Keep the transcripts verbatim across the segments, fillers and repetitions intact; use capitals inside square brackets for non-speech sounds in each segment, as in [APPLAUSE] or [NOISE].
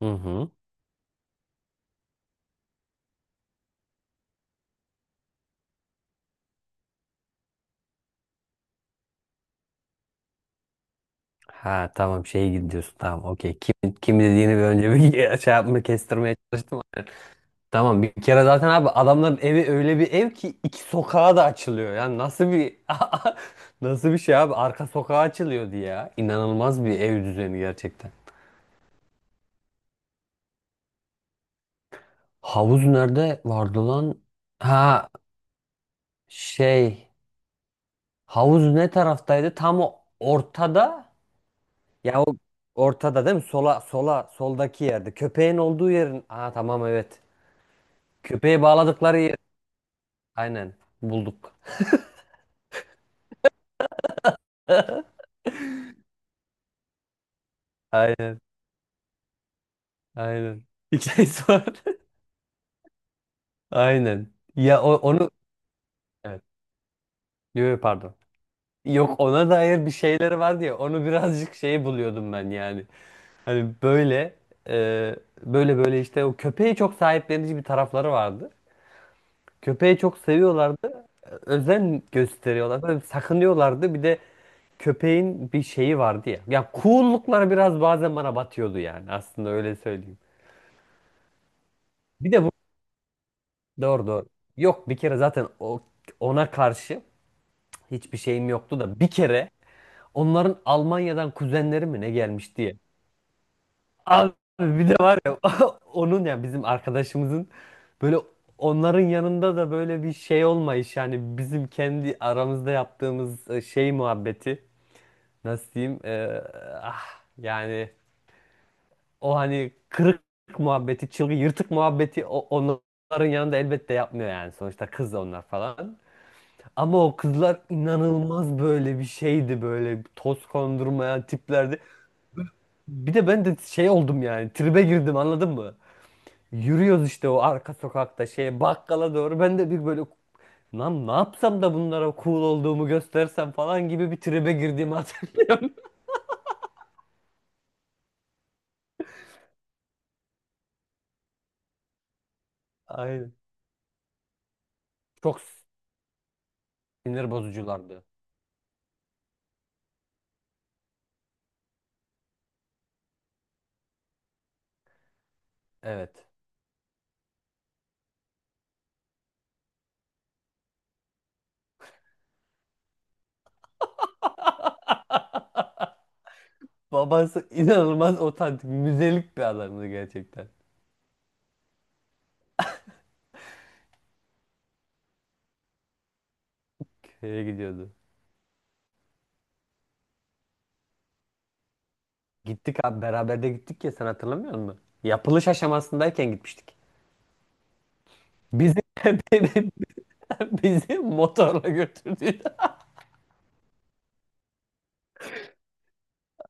Hı hı. Ha tamam şeye gidiyorsun, tamam, okey. Kim, kim dediğini bir önce bir [LAUGHS] şey yapma, kestirmeye çalıştım. Tamam, bir kere zaten abi adamların evi öyle bir ev ki iki sokağa da açılıyor. Yani nasıl bir [LAUGHS] nasıl bir şey abi, arka sokağa açılıyordu ya. İnanılmaz bir ev düzeni gerçekten. Havuz nerede vardı lan? Ha, şey, havuz ne taraftaydı? Tam o ortada. Ya o ortada değil mi? Sola sola soldaki yerde. Köpeğin olduğu yerin. Ha tamam, evet. Köpeği bağladıkları yer. Aynen. Bulduk. [LAUGHS] Aynen. Aynen. Hikayesi var. [LAUGHS] Aynen. Ya o, onu evet. Yo, yo, pardon. Yok, ona dair bir şeyleri var diye onu birazcık şey buluyordum ben yani. Hani böyle e, böyle böyle işte, o köpeği çok sahiplenici bir tarafları vardı. Köpeği çok seviyorlardı. Özen gösteriyorlardı. Böyle sakınıyorlardı. Bir de köpeğin bir şeyi vardı ya. Ya coollukları biraz bazen bana batıyordu yani. Aslında öyle söyleyeyim. Bir de bu doğru, doğru. Yok, bir kere zaten o, ona karşı hiçbir şeyim yoktu da bir kere onların Almanya'dan kuzenleri mi ne gelmiş diye. Abi, bir de var ya [LAUGHS] onun ya bizim arkadaşımızın böyle onların yanında da böyle bir şey olmayış yani, bizim kendi aramızda yaptığımız e, şey muhabbeti, nasıl diyeyim, e, ah, yani o hani kırık muhabbeti, çılgın yırtık muhabbeti o, onların yanında elbette yapmıyor yani, sonuçta kız onlar falan. Ama o kızlar inanılmaz böyle bir şeydi, böyle toz kondurmayan tiplerdi. Bir de ben de şey oldum yani, tribe girdim, anladın mı? Yürüyoruz işte o arka sokakta şeye, bakkala doğru, ben de bir böyle lan ne yapsam da bunlara cool olduğumu göstersem falan gibi bir tribe girdiğimi hatırlıyorum. [LAUGHS] Aynen. Çok sinir bozuculardı. Evet. Babası inanılmaz otantik, müzelik bir adamdı gerçekten. Köye gidiyordu. Gittik abi, beraber de gittik ya, sen hatırlamıyor musun? Yapılış aşamasındayken gitmiştik. Bizi [LAUGHS] beni- bizi motorla götürdü.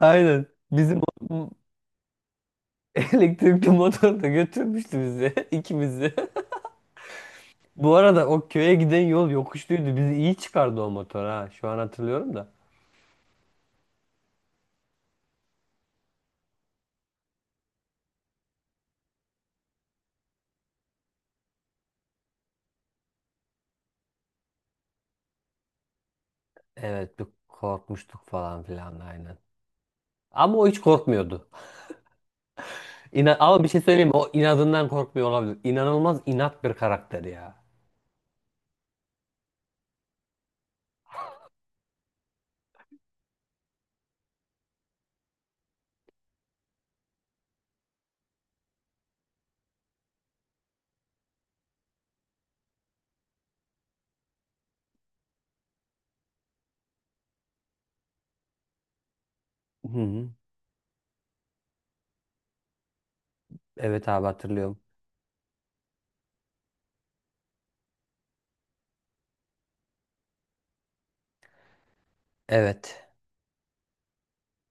Aynen. Bizi mo- elektrikli motorla götürmüştü bizi [LAUGHS] ikimizi. Bu arada o köye giden yol yokuşluydu. Bizi iyi çıkardı o motor ha. Şu an hatırlıyorum da. Evet, bir korkmuştuk falan filan, aynen. Ama o hiç korkmuyordu. İna, ama bir şey söyleyeyim mi? O inadından korkmuyor olabilir. İnanılmaz inat bir karakter ya. Hı hı. Evet abi, hatırlıyorum. Evet.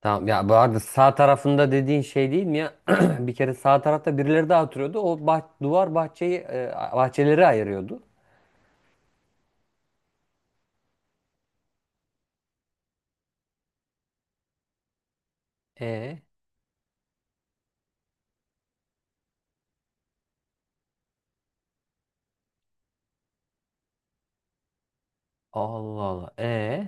Tamam ya, bu arada sağ tarafında dediğin şey değil mi ya? [CLEARS THROAT] Bir kere sağ tarafta birileri daha oturuyordu. O bah duvar bahçeyi e, bahçeleri ayırıyordu. E, Allah Allah. E,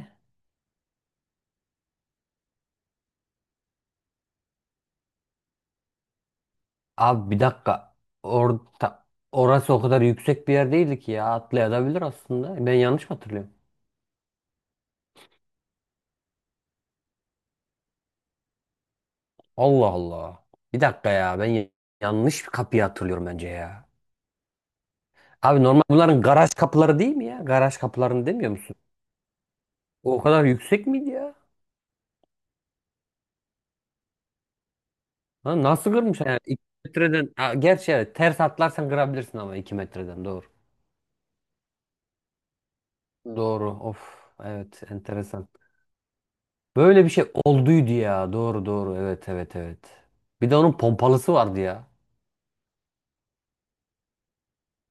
abi bir dakika. Orta orası o kadar yüksek bir yer değildi ki ya. Atlayabilir aslında. Ben yanlış mı hatırlıyorum? Allah Allah. Bir dakika ya. Ben y- yanlış bir kapıyı hatırlıyorum bence ya. Abi normal bunların garaj kapıları değil mi ya? Garaj kapılarını demiyor musun? O kadar yüksek miydi ya? Lan, nasıl kırmış yani iki metreden? Ha, gerçi evet, ters atlarsan kırabilirsin, ama iki metreden doğru. Doğru, of, evet, enteresan. Böyle bir şey olduydu ya, doğru doğru, evet evet evet. Bir de onun pompalısı vardı ya.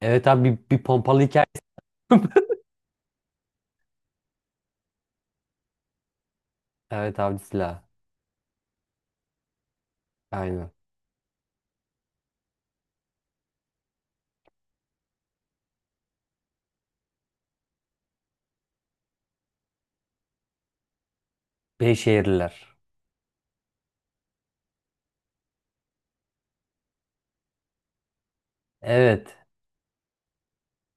Evet abi, bir, bir pompalı hikaye. [LAUGHS] Evet abi, silah, aynen. Beyşehirliler. Evet,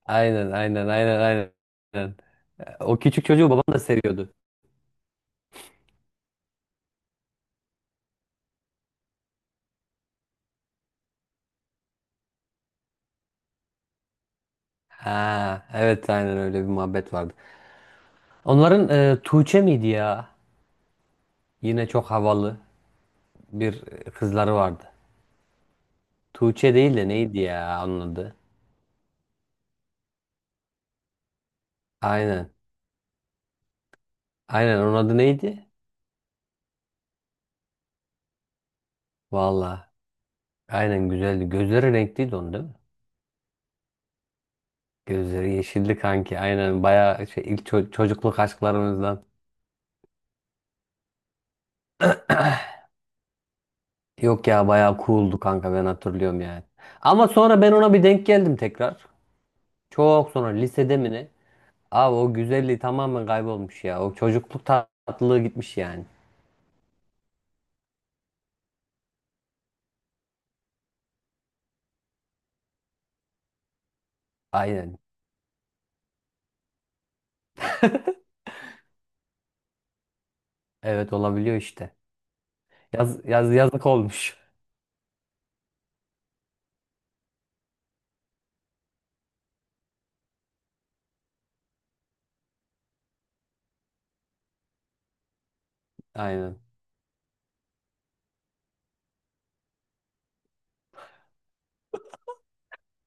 aynen aynen aynen aynen. Aynen. O küçük çocuğu babam da seviyordu. Ha evet, aynen öyle bir muhabbet vardı. Onların e, Tuğçe miydi ya? Yine çok havalı bir kızları vardı. Tuğçe değil de neydi ya onun adı? Aynen. Aynen, onun adı neydi? Valla. Aynen, güzeldi. Gözleri renkliydi onun değil mi? Gözleri yeşildi kanki. Aynen, bayağı şey, ilk ço- çocukluk aşklarımızdan. Yok ya, bayağı cooldu kanka, ben hatırlıyorum yani. Ama sonra ben ona bir denk geldim tekrar. Çok sonra lisede mi ne? Abi, o güzelliği tamamen kaybolmuş ya. O çocukluk tatlılığı gitmiş yani. Aynen. Evet, olabiliyor işte. Yaz, yaz, yazık olmuş. [LAUGHS] Aynen.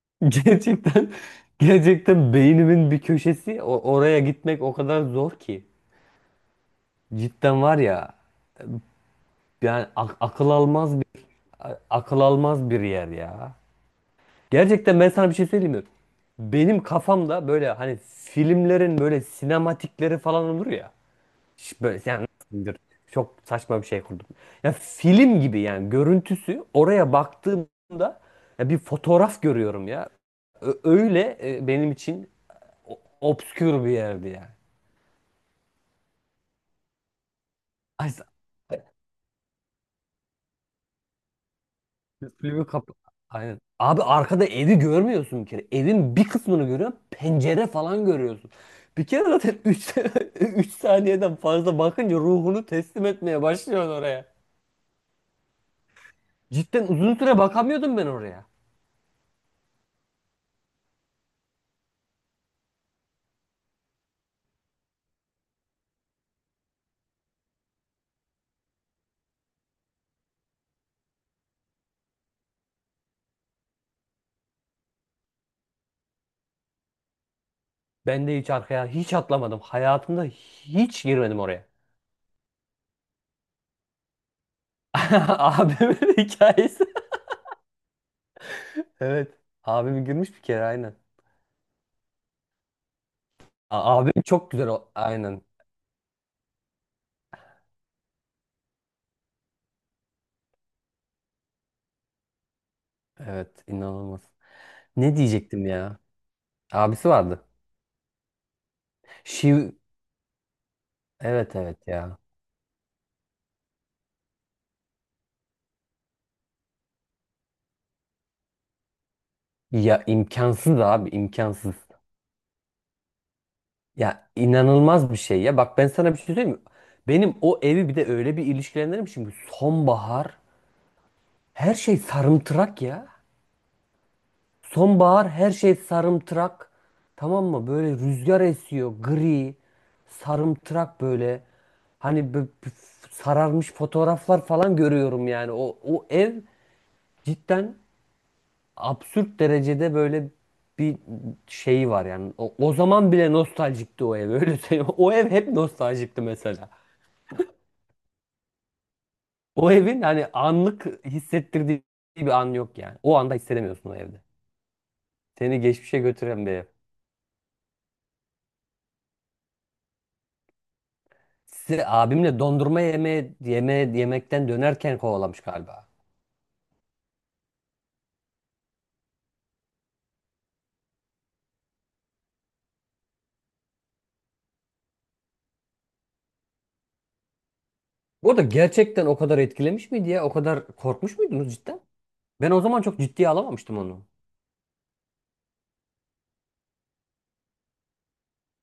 [LAUGHS] Gerçekten, gerçekten beynimin bir köşesi o- oraya gitmek o kadar zor ki. Cidden var ya, yani ak- akıl almaz bir a- akıl almaz bir yer ya. Gerçekten ben sana bir şey söyleyeyim mi? Benim kafamda böyle hani filmlerin böyle sinematikleri falan olur ya. Ş- Böyle yani nasıldır? Çok saçma bir şey kurdum. Ya film gibi yani, görüntüsü oraya baktığımda ya bir fotoğraf görüyorum ya. Ö- Öyle e, benim için o- obskür bir yerdi yani. Ay, s- filmi kapı. Aynen. Abi arkada evi görmüyorsun bir kere. Evin bir kısmını görüyorsun. Pencere falan görüyorsun. Bir kere zaten üç [LAUGHS] üç saniyeden fazla bakınca ruhunu teslim etmeye başlıyorsun oraya. Cidden uzun süre bakamıyordum ben oraya. Ben de hiç arkaya hiç atlamadım. Hayatımda hiç girmedim oraya. [LAUGHS] Abimin hikayesi. Evet. Abim girmiş bir kere, aynen. A- Abim çok güzel o. Aynen. Evet, inanılmaz. Ne diyecektim ya? Abisi vardı. Şiv, evet evet ya. Ya imkansız abi, imkansız. Ya inanılmaz bir şey ya. Bak, ben sana bir şey söyleyeyim mi? Benim o evi bir de öyle bir ilişkilendirmişim ki, sonbahar, her şey sarımtırak ya. Sonbahar, her şey sarımtırak. Tamam mı? Böyle rüzgar esiyor, gri sarımtırak böyle. Hani bö- bö- sararmış fotoğraflar falan görüyorum yani. O, o ev cidden absürt derecede böyle bir şeyi var yani. O, o zaman bile nostaljikti o ev, öyle söyleyeyim. [LAUGHS] O ev hep nostaljikti mesela. O evin hani anlık hissettirdiği bir an yok yani. O anda hissedemiyorsun o evde. Seni geçmişe götüren bir ev. Sizi abimle dondurma yeme, yeme yemekten dönerken kovalamış galiba. Bu da gerçekten o kadar etkilemiş miydi ya? O kadar korkmuş muydunuz cidden? Ben o zaman çok ciddiye alamamıştım onu.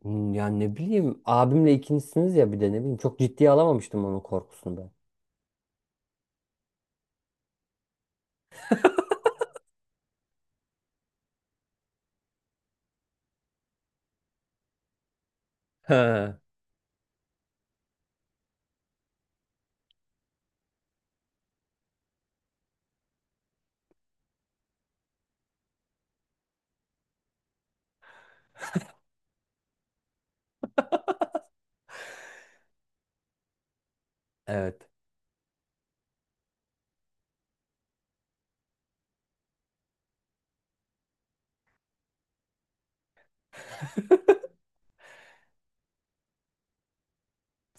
Hmm, yani ne bileyim, abimle ikincisiniz ya, bir de ne bileyim, çok ciddiye alamamıştım onun korkusunda. Ha. Evet.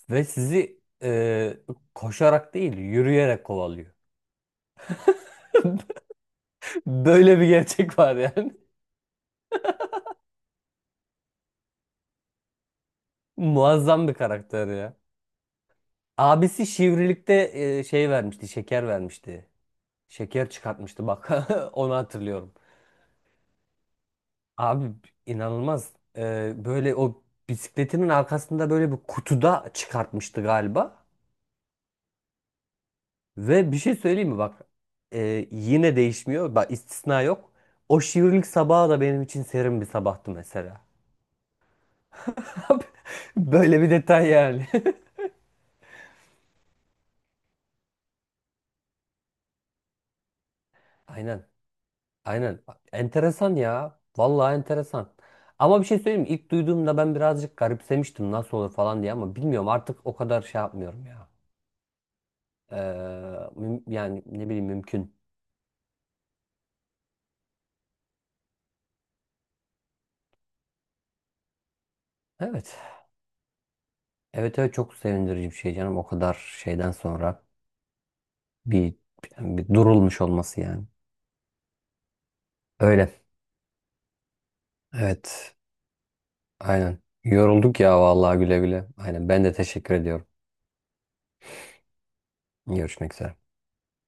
Ve sizi e, koşarak değil, yürüyerek kovalıyor. [LAUGHS] Böyle bir gerçek var yani. [LAUGHS] Muazzam bir karakter ya. Abisi şivrilikte e, şey vermişti, şeker vermişti. Şeker çıkartmıştı bak. [LAUGHS] Onu hatırlıyorum. Abi inanılmaz. E, böyle o bisikletinin arkasında böyle bir kutuda çıkartmıştı galiba. Ve bir şey söyleyeyim mi bak, e, yine değişmiyor bak, istisna yok. O şiirlik sabahı da benim için serin bir sabahtı mesela. [LAUGHS] Böyle bir detay yani. [LAUGHS] Aynen aynen, enteresan ya, vallahi enteresan. Ama bir şey söyleyeyim mi, ilk duyduğumda ben birazcık garipsemiştim, nasıl olur falan diye, ama bilmiyorum artık, o kadar şey yapmıyorum ya. Ee, müm- yani ne bileyim, mümkün. Evet. Evet evet, çok sevindirici bir şey canım, o kadar şeyden sonra bir, yani bir durulmuş olması yani. Öyle. Evet. Aynen. Yorulduk ya vallahi, güle güle. Aynen. Ben de teşekkür ediyorum. Görüşmek üzere.